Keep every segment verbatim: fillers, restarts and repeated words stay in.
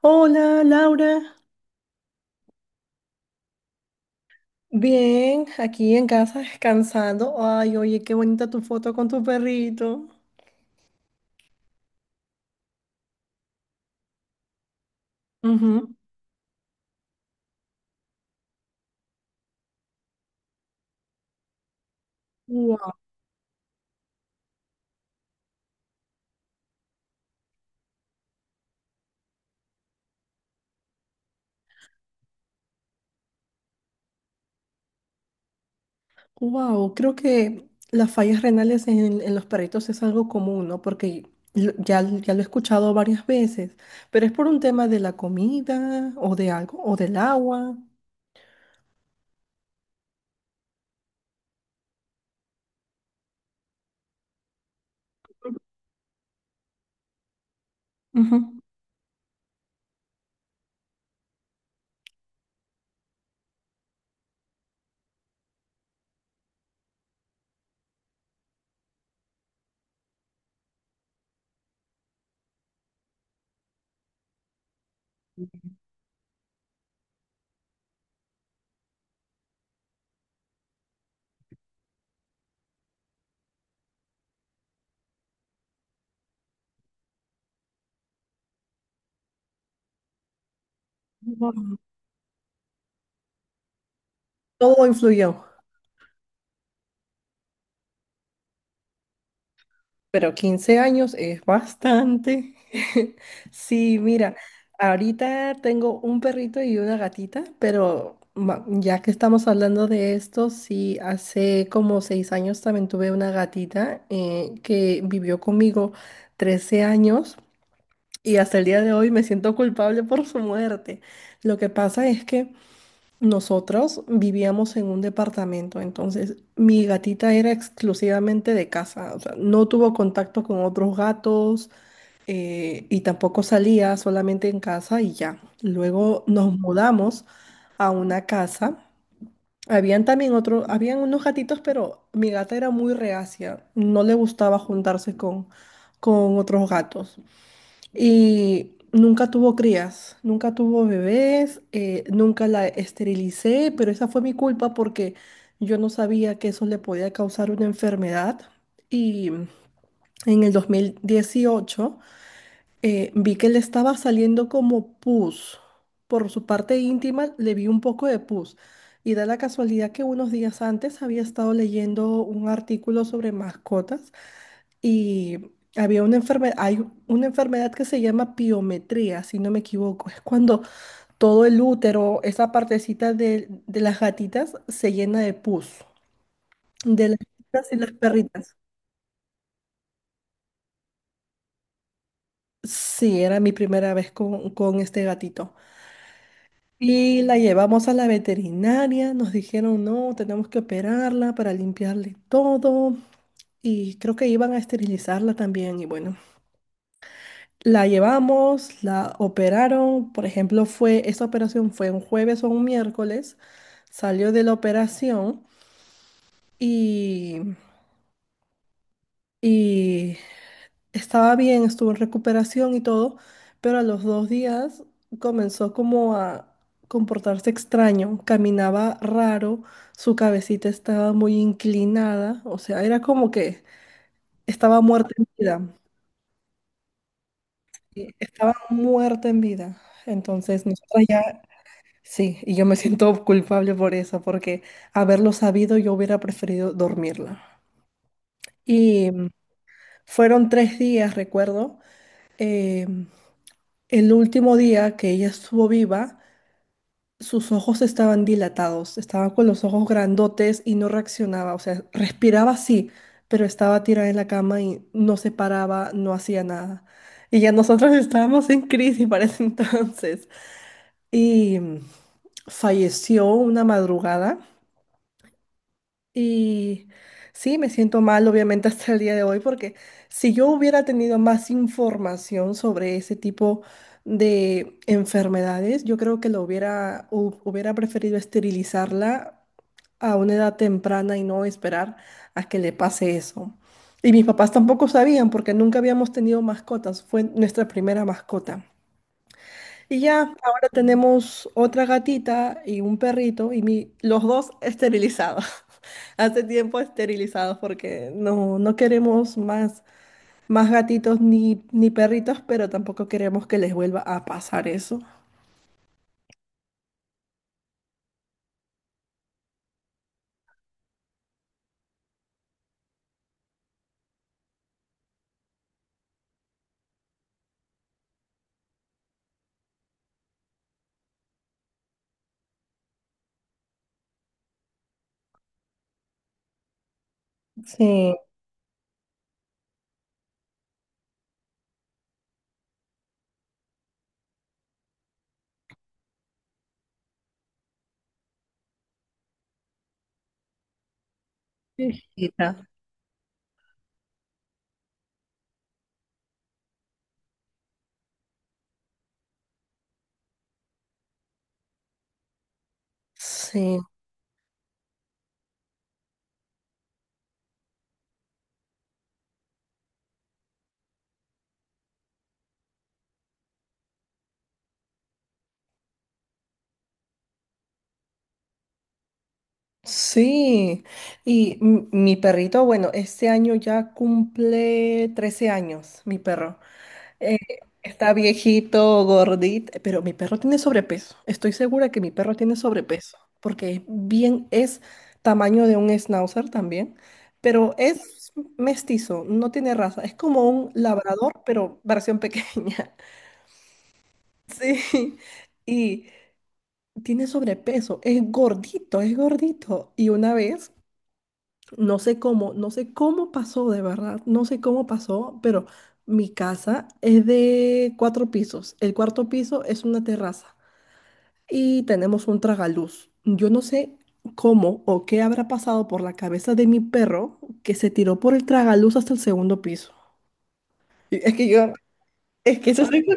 Hola, Laura. Bien, aquí en casa descansando. Ay, oye, qué bonita tu foto con tu perrito. Ujú. Wow, wow. Creo que las fallas renales en, en los perritos es algo común, ¿no? Porque lo- ya, ya lo he escuchado varias veces, pero es por un tema de la comida o de algo, o del agua. Ujú. Wow. Todo influyó. Pero quince años es bastante. Sí, mira, ahorita tengo un perrito y una gatita, pero ma- ya que estamos hablando de esto, sí, hace como seis años también tuve una gatita eh, que vivió conmigo trece años y hasta el día de hoy me siento culpable por su muerte. Lo que pasa es que... Nosotros vivíamos en un departamento, entonces mi gatita era exclusivamente de casa, o sea, no tuvo contacto con otros gatos eh, y tampoco salía solamente en casa y ya. Luego nos mudamos a una casa. Habían también otros, habían unos gatitos, pero mi gata era muy reacia, no le gustaba juntarse con, con otros gatos. Y nunca tuvo crías, nunca tuvo bebés, eh, nunca la esterilicé, pero esa fue mi culpa porque yo no sabía que eso le podía causar una enfermedad. Y en el dos mil dieciocho eh, vi que le estaba saliendo como pus. Por su parte íntima le vi un poco de pus. Y da la casualidad que unos días antes había estado leyendo un artículo sobre mascotas y había una enfermedad, hay una enfermedad que se llama piometría, si no me equivoco. Es cuando todo el útero, esa partecita de, de las gatitas, se llena de pus. De las gatitas y las perritas. Sí, era mi primera vez con, con este gatito. Y la llevamos a la veterinaria, nos dijeron, no, tenemos que operarla para limpiarle todo. Y creo que iban a esterilizarla también. Y bueno, la llevamos, la operaron, por ejemplo, fue, esa operación fue un jueves o un miércoles, salió de la operación y, y estaba bien, estuvo en recuperación y todo, pero a los dos días comenzó como a comportarse extraño, caminaba raro, su cabecita estaba muy inclinada, o sea, era como que estaba muerta en vida, y estaba muerta en vida. Entonces, nosotros ya. Sí, y yo me siento culpable por eso, porque haberlo sabido yo hubiera preferido dormirla. Y mm, fueron tres días, recuerdo. eh, el último día que ella estuvo viva, sus ojos estaban dilatados, estaba con los ojos grandotes y no reaccionaba, o sea, respiraba sí, pero estaba tirada en la cama y no se paraba, no hacía nada. Y ya nosotros estábamos en crisis para ese entonces. Y mm, falleció una madrugada. Y sí, me siento mal, obviamente, hasta el día de hoy, porque si yo hubiera tenido más información sobre ese tipo de enfermedades, yo creo que lo hubiera, hu- hubiera preferido esterilizarla a una edad temprana y no esperar a que le pase eso. Y mis papás tampoco sabían porque nunca habíamos tenido mascotas, fue nuestra primera mascota. Y ya, ahora tenemos otra gatita y un perrito y mi- los dos esterilizados. Hace tiempo esterilizados porque no, no queremos más, más gatitos ni, ni perritos, pero tampoco queremos que les vuelva a pasar eso. Sí, hijita. Sí, sí. Y m- mi perrito, bueno, este año ya cumple trece años, mi perro. Eh, Está viejito, gordito, pero mi perro tiene sobrepeso. Estoy segura que mi perro tiene sobrepeso, porque bien es tamaño de un schnauzer también, pero es mestizo, no tiene raza. Es como un labrador, pero versión pequeña. Sí, y tiene sobrepeso, es gordito, es gordito. Y una vez no sé cómo, no sé cómo pasó, de verdad, no sé cómo pasó, pero mi casa es de cuatro pisos. El cuarto piso es una terraza y tenemos un tragaluz. Yo no sé cómo o qué habrá pasado por la cabeza de mi perro que se tiró por el tragaluz hasta el segundo piso. Y es que yo, es que eso es algo,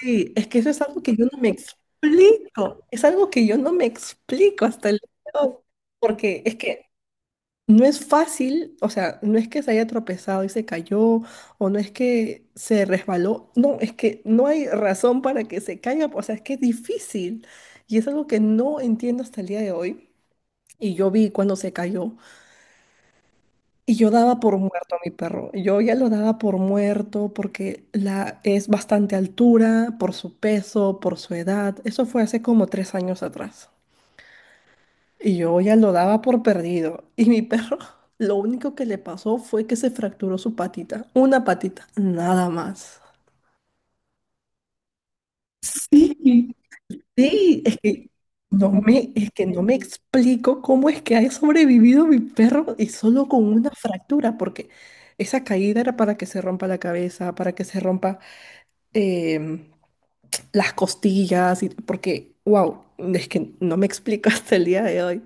sí, es que eso es algo que yo no me explico. Es algo que yo no me explico hasta el día de hoy, porque es que no es fácil, o sea, no es que se haya tropezado y se cayó, o no es que se resbaló, no, es que no hay razón para que se caiga, o sea, es que es difícil. Y es algo que no entiendo hasta el día de hoy. Y yo vi cuando se cayó, y yo daba por muerto a mi perro. Yo ya lo daba por muerto porque la, es bastante altura, por su peso, por su edad. Eso fue hace como tres años atrás. Y yo ya lo daba por perdido. Y mi perro, lo único que le pasó fue que se fracturó su patita. Una patita, nada más. Sí, sí, es que no me, es que no me explico cómo es que ha sobrevivido mi perro y solo con una fractura, porque esa caída era para que se rompa la cabeza, para que se rompa em, las costillas, y, porque, wow, es que no me explico hasta el día de hoy.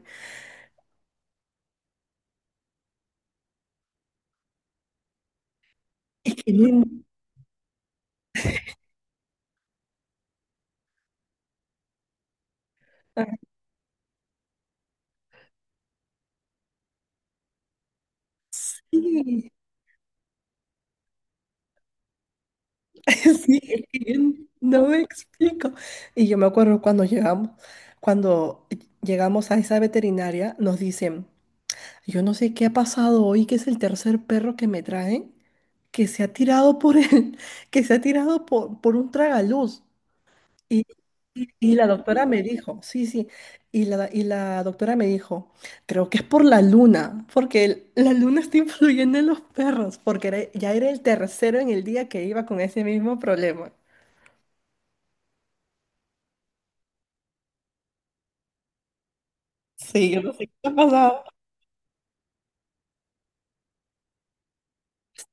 Es que no, en- ah, sí, sí, es que yo no me explico. Y yo me acuerdo cuando llegamos, cuando llegamos, a esa veterinaria, nos dicen, yo no sé qué ha pasado hoy, que es el tercer perro que me traen, que se ha tirado por el, que se ha tirado por, por un tragaluz. Y, y- y la doctora me dijo, sí, sí, y la, y la doctora me dijo, creo que es por la luna, porque el- la luna está influyendo en los perros, porque era- ya era el tercero en el día que iba con ese mismo problema. Sí, yo no sé qué te ha pasado.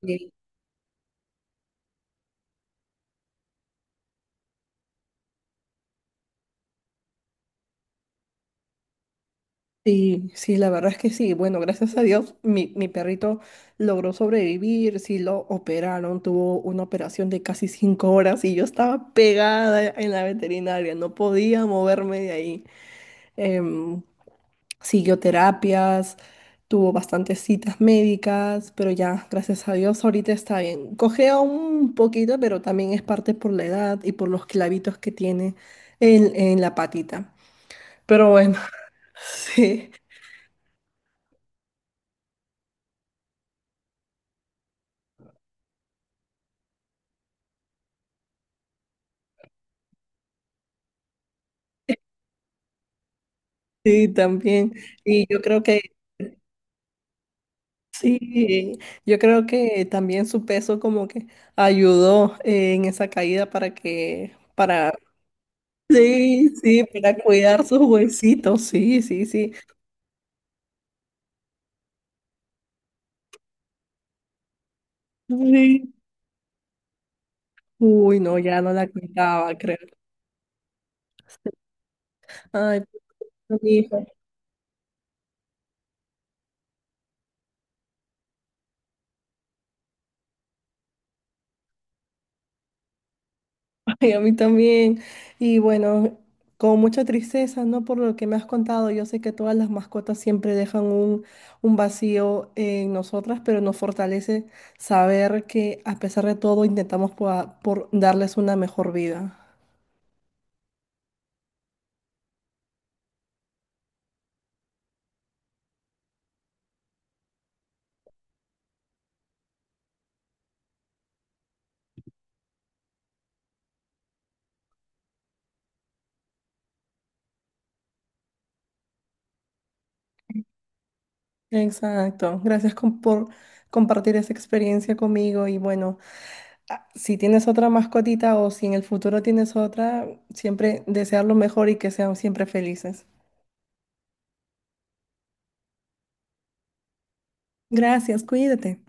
Sí, sí, sí, la verdad es que sí. Bueno, gracias a Dios, mi, mi perrito logró sobrevivir, sí lo operaron, tuvo una operación de casi cinco horas y yo estaba pegada en la veterinaria, no podía moverme de ahí. Em, Siguió terapias, tuvo bastantes citas médicas, pero ya, gracias a Dios, ahorita está bien. Cojea un poquito, pero también es parte por la edad y por los clavitos que tiene en en la patita. Pero bueno, sí, sí, también. Y yo creo que sí, yo creo que también su peso como que ayudó eh, en esa caída para que, para, sí, sí, para cuidar sus huesitos, sí, sí, sí. Sí. Uy, no, ya no la cuidaba, creo. Ay, pues, mi hijo. Y a mí también. Y bueno, con mucha tristeza, ¿no? Por lo que me has contado, yo sé que todas las mascotas siempre dejan un, un vacío en nosotras, pero nos fortalece saber que a pesar de todo intentamos por, por darles una mejor vida. Exacto. Gracias com- por compartir esa experiencia conmigo. Y bueno, ah, si tienes otra mascotita o si en el futuro tienes otra, siempre desear lo mejor y que sean siempre felices. Gracias, cuídate.